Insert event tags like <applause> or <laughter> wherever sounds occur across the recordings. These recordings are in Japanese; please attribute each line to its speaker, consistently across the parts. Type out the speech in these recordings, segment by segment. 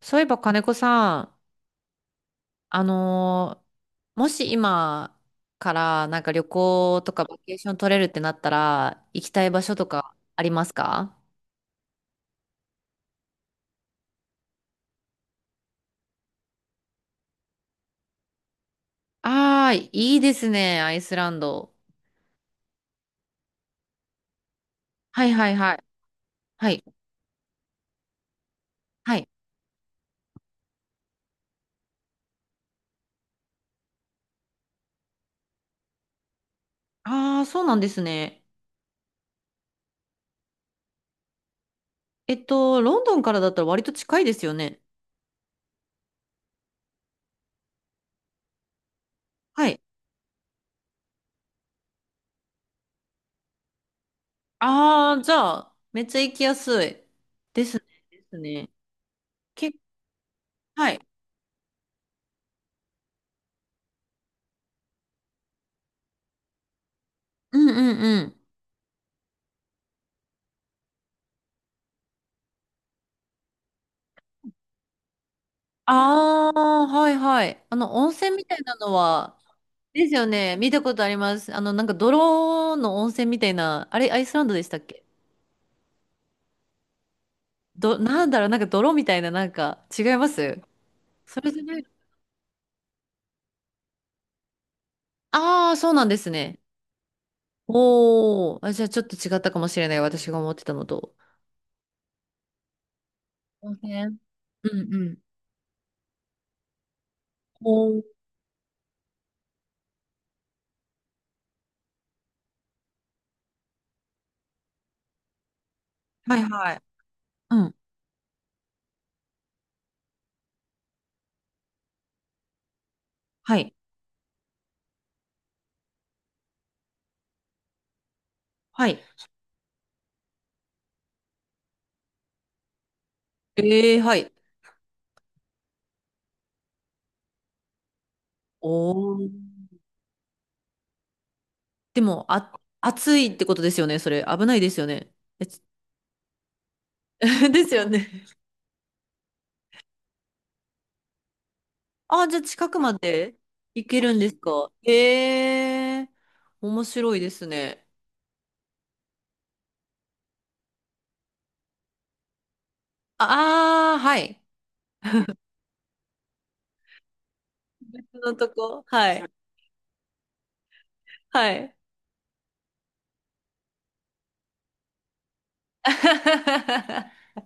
Speaker 1: そういえば金子さん、あのーもし今からなんか旅行とかバケーション取れるってなったら、行きたい場所とかありますか？ああー、いいですね、アイスランド。はいはいはい。はい。はい。ああ、そうなんですね。ロンドンからだったら割と近いですよね。はい。ああ、じゃあ、めっちゃ行きやすい。ですね。ですね。け、はい。うんうんうん。ああ、はいはい。あの、温泉みたいなのは、ですよね。見たことあります。あの、なんか泥の温泉みたいな、あれ、アイスランドでしたっけ？なんだろう、なんか泥みたいな、なんか、違います？それじゃない。ああー、そうなんですね。おー、あ、じゃあちょっと違ったかもしれない。私が思ってたのと。温泉、うんうん。おー、はいはい。うん、はい。はい。ええ、はい。おー。でも、あ、暑いってことですよね、それ。危ないですよね。<laughs> ですよね。あ、じゃあ近くまで行けるんですか？へえ、面白いですね。ああ、はい。のとこ、はい。はい。<laughs>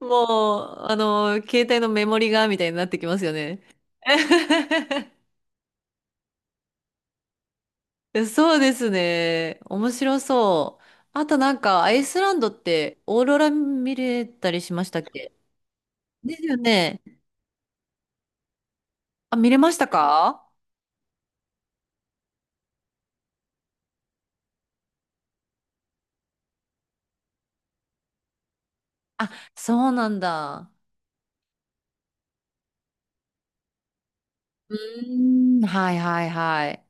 Speaker 1: もう、あの、携帯のメモリが、みたいになってきますよね。<laughs> そうですね。面白そう。あとなんか、アイスランドってオーロラ見れたりしましたっけ？ですよね。あ、見れましたか？あ、そうなんだ。うーん、はいはいはい。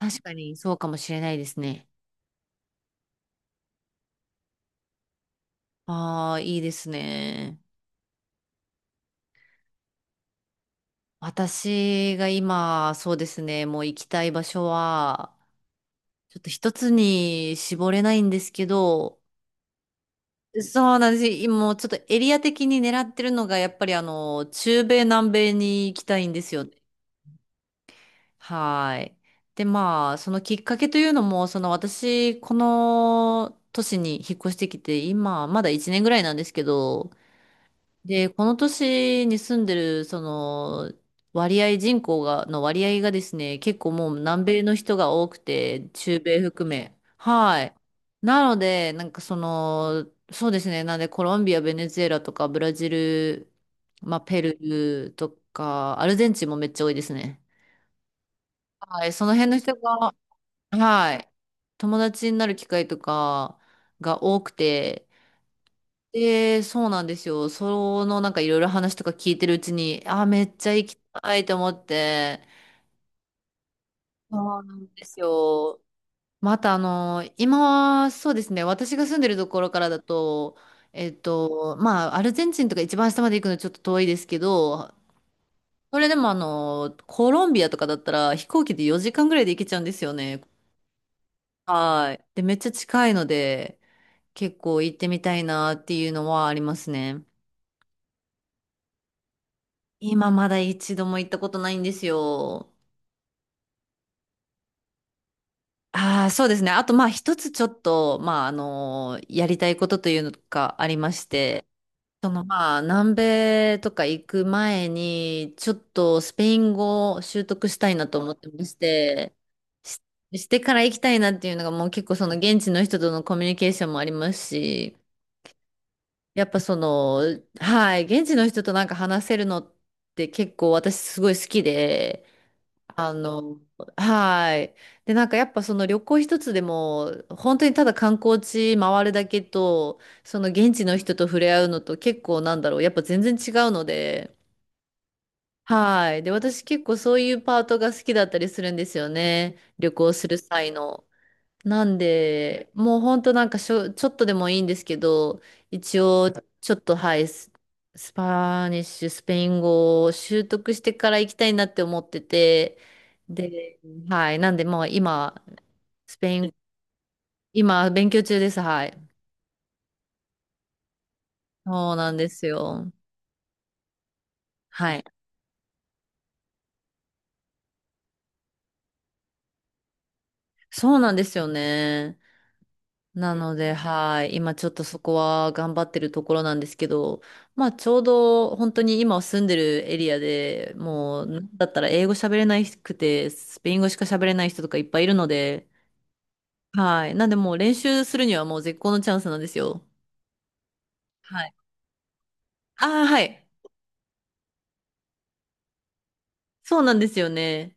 Speaker 1: 確かにそうかもしれないですね。ああ、いいですね。私が今、そうですね、もう行きたい場所は、ちょっと一つに絞れないんですけど、そうなんです。今もうちょっとエリア的に狙ってるのが、やっぱりあの、中米、南米に行きたいんですよね。はい。で、まあ、そのきっかけというのも、その私、この都市に引っ越してきて、今、まだ1年ぐらいなんですけど、で、この都市に住んでる、その、割合、人口が、の割合がですね、結構もう南米の人が多くて、中米含め。はい。なので、なんかその、そうですね、なんでコロンビア、ベネズエラとか、ブラジル、まあ、ペルーとか、アルゼンチンもめっちゃ多いですね。はい、その辺の人が、はい、友達になる機会とかが多くて、で、そうなんですよ。そのなんかいろいろ話とか聞いてるうちに、あー、めっちゃ行きたいと思って。そうなんですよ。またあの、今はそうですね、私が住んでるところからだと、まあ、アルゼンチンとか一番下まで行くのちょっと遠いですけど、それでもあの、コロンビアとかだったら飛行機で4時間ぐらいで行けちゃうんですよね。はい。で、めっちゃ近いので、結構行ってみたいなっていうのはありますね。今まだ一度も行ったことないんですよ。ああ、そうですね。あと、まあ、一つちょっと、まあ、あの、やりたいことというのがありまして、その、まあ、南米とか行く前に、ちょっとスペイン語を習得したいなと思ってまして、し、してから行きたいなっていうのが、もう結構その現地の人とのコミュニケーションもありますし、やっぱその、はい、現地の人となんか話せるのって結構私すごい好きで、あの、はい。で、なんかやっぱその旅行一つでも、本当にただ観光地回るだけと、その現地の人と触れ合うのと結構なんだろう、やっぱ全然違うので、はい。で、私結構そういうパートが好きだったりするんですよね。旅行する際の。なんで、もうほんとなんかちょっとでもいいんですけど、一応ちょっとはい、スパニッシュ、スペイン語を習得してから行きたいなって思ってて、で、はい、なんでもう今、スペイン、今勉強中です、はい。そうなんですよ。はい。そうなんですよね。なので、はい。今ちょっとそこは頑張ってるところなんですけど、まあちょうど本当に今住んでるエリアでもう、なんだったら英語喋れなくて、スペイン語しか喋れない人とかいっぱいいるので、はい。なんでもう練習するにはもう絶好のチャンスなんですよ。はい。ああ、はい。そうなんですよね。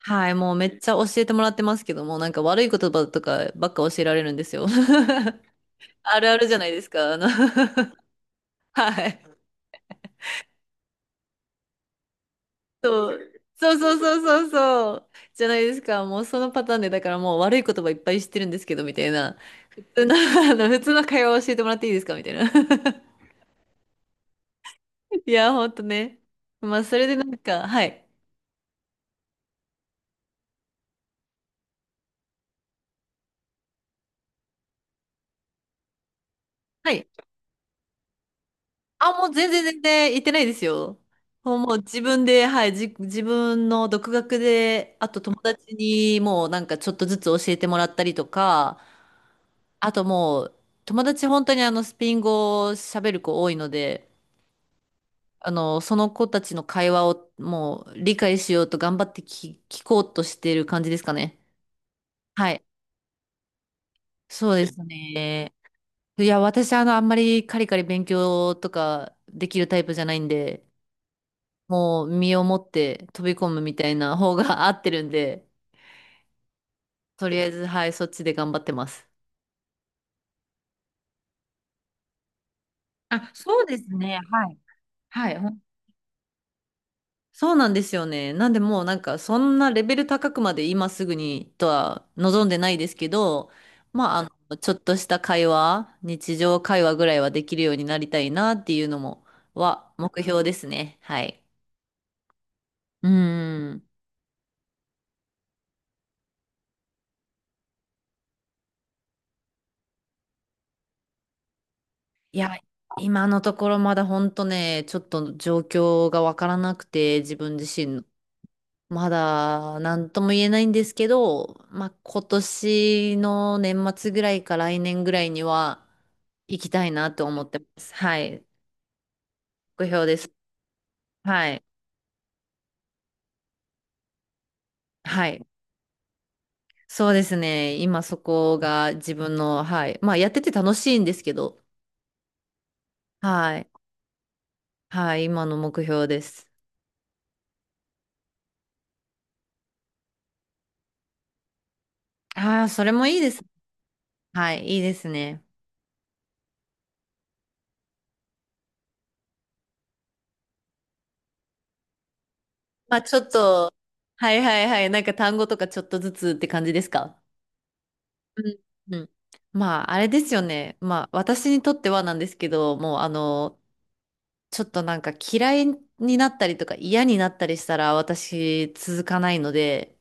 Speaker 1: はい。もうめっちゃ教えてもらってますけども、なんか悪い言葉とかばっか教えられるんですよ。<laughs> あるあるじゃないですか。あの <laughs> はい。そう、そうそうそうそうそう。じゃないですか。もうそのパターンで、だからもう悪い言葉いっぱい知ってるんですけど、みたいな。普通の、<laughs> あの、普通の会話を教えてもらっていいですかみたいな。<laughs> いや、ほんとね。まあ、それでなんか、はい。はい。あ、もう全然全然言ってないですよ。もう、もう自分で、はい、自分の独学で、あと友達にもうなんかちょっとずつ教えてもらったりとか、あともう、友達本当にあのスペイン語を喋る子多いので、あの、その子たちの会話をもう理解しようと頑張って聞こうとしてる感じですかね。はい。そうですね。いや、私、あの、あんまりカリカリ勉強とかできるタイプじゃないんで、もう身をもって飛び込むみたいな方が <laughs> 合ってるんで、とりあえず、はい、そっちで頑張ってます。あ、そうですね。はい。はい。そうなんですよね。なんでもうなんかそんなレベル高くまで今すぐにとは望んでないですけど、まあ、あの、ちょっとした会話、日常会話ぐらいはできるようになりたいなっていうのも、は目標ですね。はい。うーん。いや、今のところまだ本当ね、ちょっと状況がわからなくて、自分自身の。まだ何とも言えないんですけど、まあ、今年の年末ぐらいか来年ぐらいには行きたいなと思ってます。はい。目標です。はい。はい。そうですね。今そこが自分の、はい。まあやってて楽しいんですけど、はい。はい。今の目標です。ああ、それもいいです。はい。いいですね。まあちょっと、はいはいはい。なんか単語とかちょっとずつって感じですか？うんうん、まあ、あれですよね。まあ、私にとってはなんですけど、もう、あの、ちょっとなんか嫌いになったりとか嫌になったりしたら私続かないので、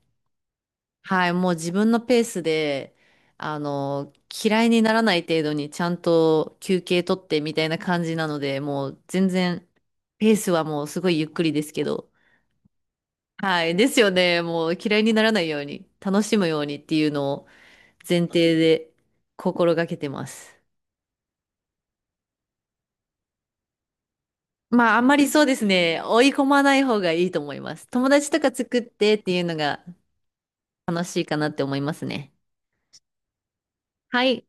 Speaker 1: はい、もう自分のペースで、あの、嫌いにならない程度にちゃんと休憩取ってみたいな感じなので、もう全然、ペースはもうすごいゆっくりですけど、はい、ですよね。もう嫌いにならないように、楽しむようにっていうのを前提で心がけてます。まあ、あんまりそうですね。追い込まない方がいいと思います。友達とか作ってっていうのが楽しいかなって思いますね。はい。